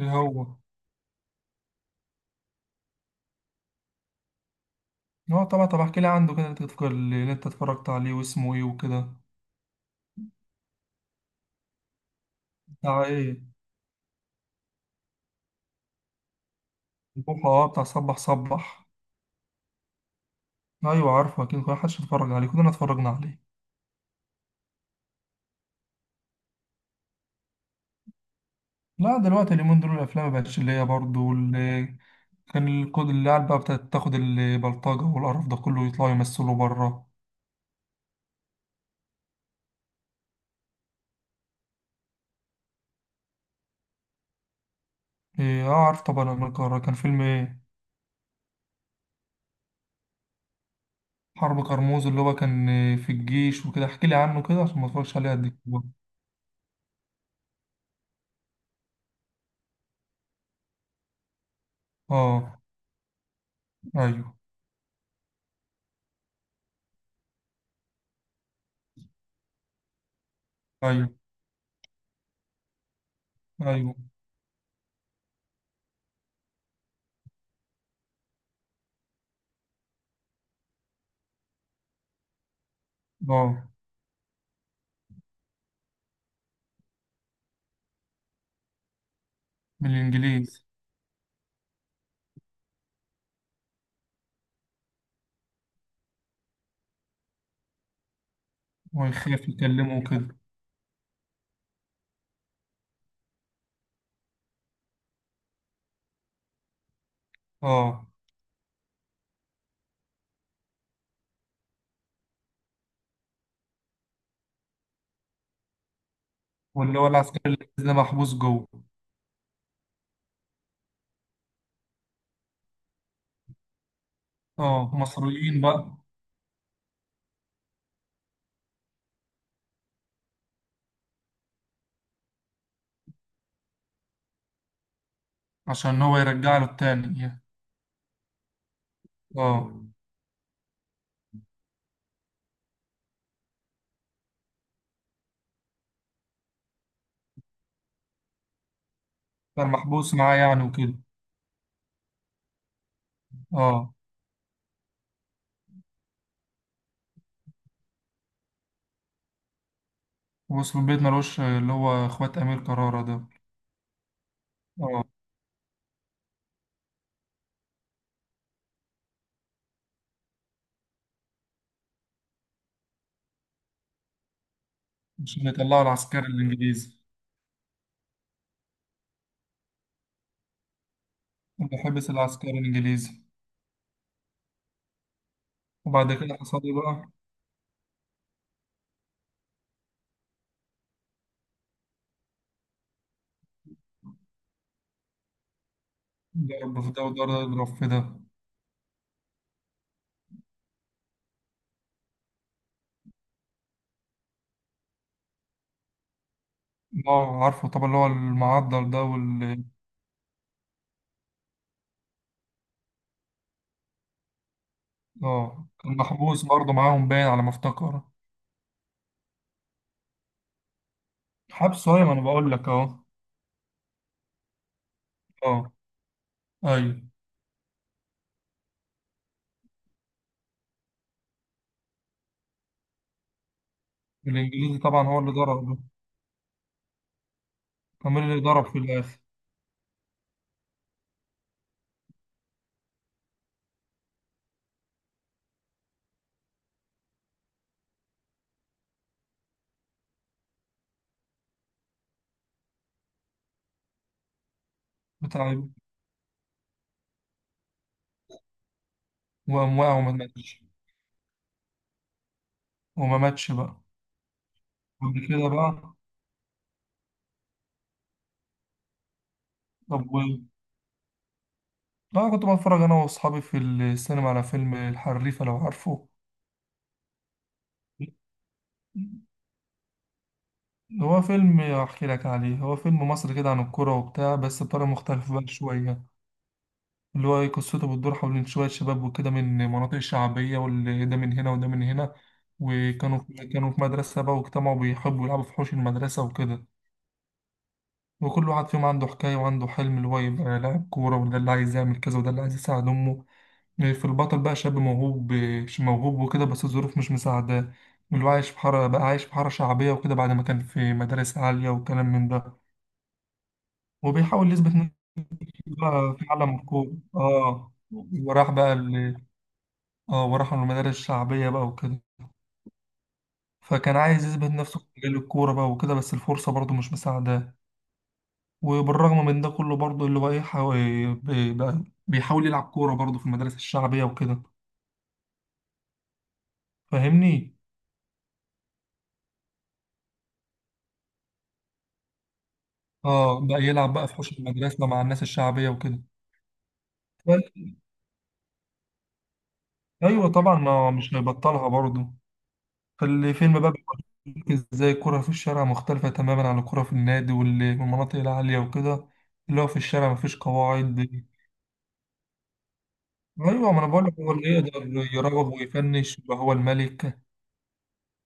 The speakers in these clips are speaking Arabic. إيه؟ هو طبعا. طب احكي لي عنده كده، انت تفكر اللي انت اتفرجت عليه واسمه ايه وكده. بتاع ايه؟ البوحة، اه، بتاع صبح صبح. ايوه عارفه، اكيد كل حدش اتفرج عليه، كلنا اتفرجنا عليه. لا دلوقتي اليومين دول الافلام ما بقتش اللي هي برضه اللي كان الكود اللي قاعد بقى بتاعت تاخد البلطجة والقرف ده كله يطلعوا يمثلوا بره. ايه اه، عارف طبعا أمير كرارة، كان فيلم ايه؟ حرب كرموز، اللي هو كان، في الجيش وكده. احكي لي عنه كده عشان ما اتفرجش عليه قد كده. اه. ايوه. ايوه. ايوه. اه. من الإنجليز. ويخاف يكلمه وكده. اه. واللي هو العسكري الإنجليزي ده محبوس جوه؟ اه مصريين بقى. عشان هو يرجع له التاني يعني. اه. كان محبوس معاه يعني وكده. اه. وصل البيت ملوش اللي هو اخوات امير كرارة ده. اه. عشان يطلعوا العسكري الانجليزي. اللي حبس العسكري الانجليزي. وبعد كده حصل له بقى؟ ضرب في ده وضرب يضرب في ده. اه عارفه طبعا، اللي هو المعضل ده وال. اه، كان محبوس برضه معاهم باين على ما افتكر. حبس اهي، ما انا بقول لك اهو. اه. ايوه. الانجليزي طبعا هو اللي ضرب ده. كمان اللي ضرب في الاخر. بتاع. وقام واقع وما ماتش. وما ماتش بقى. بعد كده بقى؟ طب لا كنت بتفرج انا واصحابي في السينما على فيلم الحريفه، لو عارفه. هو فيلم احكي لك عليه، هو فيلم مصري كده عن الكوره وبتاع، بس بطريقه مختلفه بقى شويه. اللي هو قصته بتدور حول شوية شباب وكده، من مناطق شعبية، واللي ده من هنا وده من هنا. وكانوا في مدرسة بقى، واجتمعوا بيحبوا يلعبوا في حوش المدرسة وكده. وكل واحد فيهم عنده حكاية وعنده حلم، اللي هو يبقى لاعب كورة، وده اللي عايز يعمل كذا، وده اللي عايز يساعد أمه. في البطل بقى شاب موهوب مش موهوب وكده، بس الظروف مش مساعداه. اللي هو عايش في حارة بقى، عايش في حارة شعبية وكده، بعد ما كان في مدارس عالية وكلام من ده. وبيحاول يثبت نفسه بقى في عالم الكورة. اه، وراح بقى ال- اه وراح من المدارس الشعبية بقى وكده. فكان عايز يثبت نفسه في مجال الكورة بقى وكده، بس الفرصة برضه مش مساعداه. وبالرغم من ده كله برضه اللي هو ايه، بقى بيحاول يلعب كورة برضه في المدارس الشعبية وكده. فاهمني؟ اه بقى يلعب بقى في حوش المدرسة مع الناس الشعبية وكده. فال- ايوه طبعا، ما مش هيبطلها برضه. فالفيلم بقى بيوريك ازاي الكورة في الشارع مختلفة تماما عن الكورة في النادي واللي في المناطق العالية وكده. اللي هو في الشارع مفيش قواعد. ايوه، ما انا بقول لك هو اللي يقدر يراوغ ويفنش يبقى هو الملك.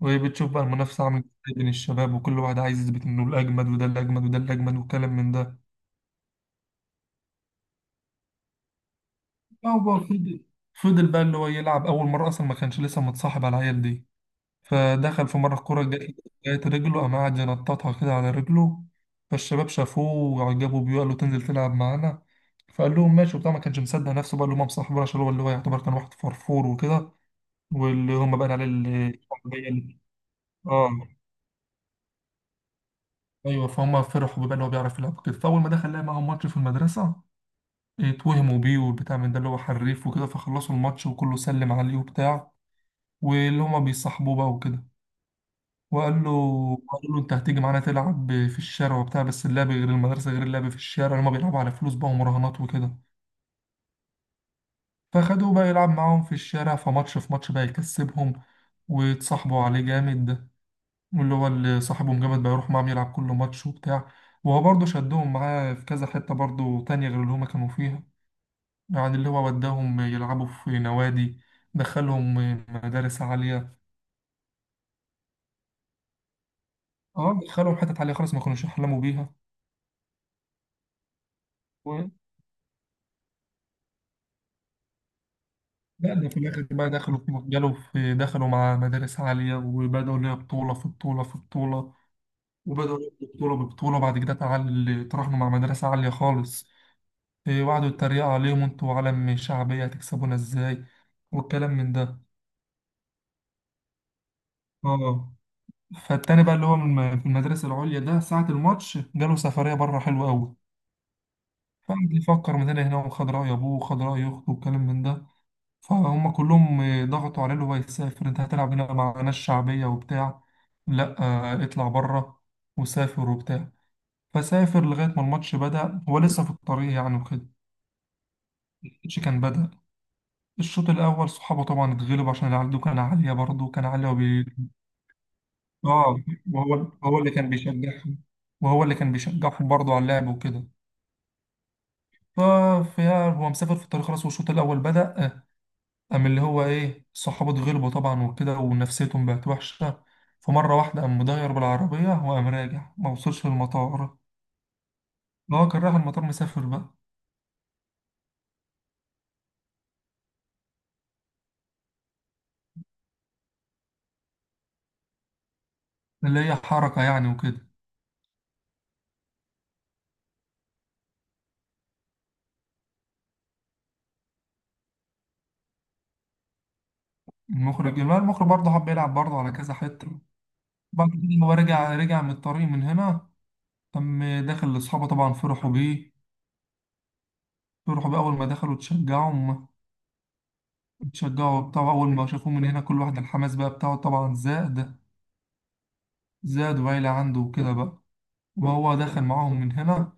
وبتشوف بقى المنافسه عامله ازاي بين الشباب، وكل واحد عايز يثبت انه الاجمد وده الاجمد وده الاجمد والكلام من ده. هو بقى فضل بقى اللي هو يلعب اول مره، اصلا ما كانش لسه متصاحب على العيال دي. فدخل في مره الكوره جت رجله، قام قاعد ينططها كده على رجله. فالشباب شافوه وعجبوا بيه وقالوا تنزل تلعب معانا. فقال لهم ماشي وبتاع، ما كانش مصدق نفسه بقى اللي هم مصاحبينه، عشان هو اللي هو يعتبر كان واحد فرفور وكده. واللي هم بقى عليه الشعبيه اللي اه، ايوه فهم فرحوا بقى اللي هو بيعرف يلعب كده، فاول ما دخل لعب معاهم ماتش في المدرسه، اتوهموا بيه والبتاع من ده اللي هو حريف وكده، فخلصوا الماتش وكله سلم عليه وبتاع. واللي هما بيصاحبوه بقى وكده. وقال له انت هتيجي معانا تلعب في الشارع وبتاع، بس اللعب غير المدرسه غير اللعب في الشارع، هما بيلعبوا على فلوس بقى ومراهنات وكده. فخدوه بقى يلعب معاهم في الشارع، فماتش في ماتش بقى يكسبهم، واتصاحبوا عليه جامد. واللي هو اللي صاحبه مجمد بقى يروح معاهم يلعب كل ماتش وبتاع. وهو برضه شدهم معاه في كذا حتة برضه تانية غير اللي هما كانوا فيها. يعني اللي هو وداهم يلعبوا في نوادي، دخلهم مدارس عالية. اه دخلهم حتت عالية خالص ما كانوش يحلموا بيها. و- لا، ده في الآخر بقى دخلوا في جالوا في دخلوا مع مدارس عالية، وبدأوا اللي هي بطولة في بطولة في بطولة. وبدأوا ياخدوا بطولة ببطولة، بعد كده تعال تراهنوا مع مدرسة عالية خالص. وقعدوا يتريقوا عليهم: انتوا علم شعبية هتكسبونا ازاي؟ والكلام من ده. اه. فالتاني بقى اللي هو في المدرسة العليا ده، ساعة الماتش جاله سفرية بره حلوة أوي. فقعد يفكر من هنا هنا، وخد رأي أبوه وخد رأي أخته والكلام من ده. فهم كلهم، ضغطوا عليه اللي هو يسافر، أنت هتلعب هنا مع ناس شعبية وبتاع، لأ، اطلع بره. وسافر وبتاع. فسافر لغاية ما الماتش بدأ هو لسه في الطريق يعني وكده. الماتش كان بدأ، الشوط الأول صحابه طبعا اتغلبوا عشان العدو كان عالية برضه، كان عالية اه. وهو اللي كان بيشجعهم، وهو اللي كان بيشجعهم برضه على اللعب وكده. ففي، هو مسافر في الطريق خلاص والشوط الأول بدأ. قام اللي هو إيه، صحابه اتغلبوا طبعا وكده ونفسيتهم بقت وحشة. فمرة واحدة قام مدير بالعربية وقام راجع، ما وصلش المطار. هو كان رايح المطار، مسافر بقى. اللي هي حركة يعني وكده. المخرج برضه حب يلعب برضه على كذا حتة. بعد كده هو رجع، من الطريق من هنا، تم دخل لأصحابه طبعا فرحوا بيه أول ما دخلوا اتشجعوا هما، اتشجعوا بتاع. أول ما شافوه من هنا كل واحد الحماس بقى بتاعه طبعا زاد، زاد وعيلة عنده وكده بقى. وهو دخل معاهم من هنا.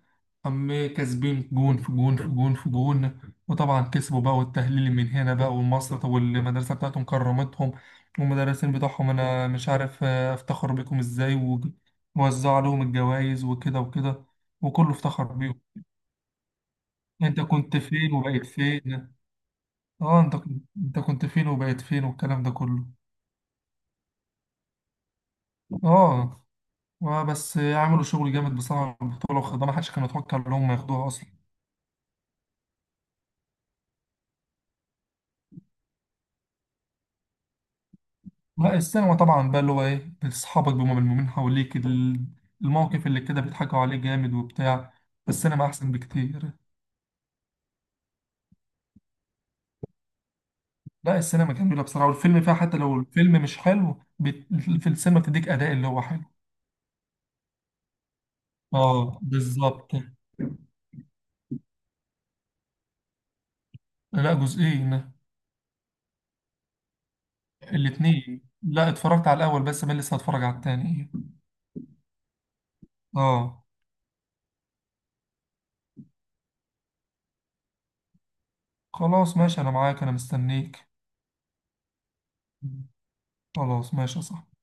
أم، كاسبين جون في جون في جون في جون. وطبعا كسبوا بقى، والتهليل من هنا بقى، والمصر والمدرسة بتاعتهم كرمتهم. والمدرسين بتوعهم: أنا مش عارف أفتخر بيكم إزاي. ووزعوا لهم الجوائز وكده وكده، وكله افتخر بيهم. أنت كنت فين وبقيت فين؟ اه، انت كنت فين وبقيت فين والكلام ده كله. اه. بس عملوا شغل جامد بصراحه في البطوله، واخدها ما حدش كان يتوقع ان هم ياخدوها اصلا. لا السينما طبعا بقى اللي هو ايه، اصحابك بيبقوا ملمومين حواليك الموقف اللي كده بيضحكوا عليه جامد وبتاع. السينما احسن بكتير. لا السينما جميله بصراحه، والفيلم فيها حتى لو الفيلم مش حلو في السينما بتديك اداء اللي هو حلو. اه بالظبط. لا جزئين. الاتنين؟ لا، اتفرجت على الاول بس، بل لسه هتفرج على التاني. اه خلاص ماشي، أنا معاك، أنا مستنيك. خلاص ماشي، صح.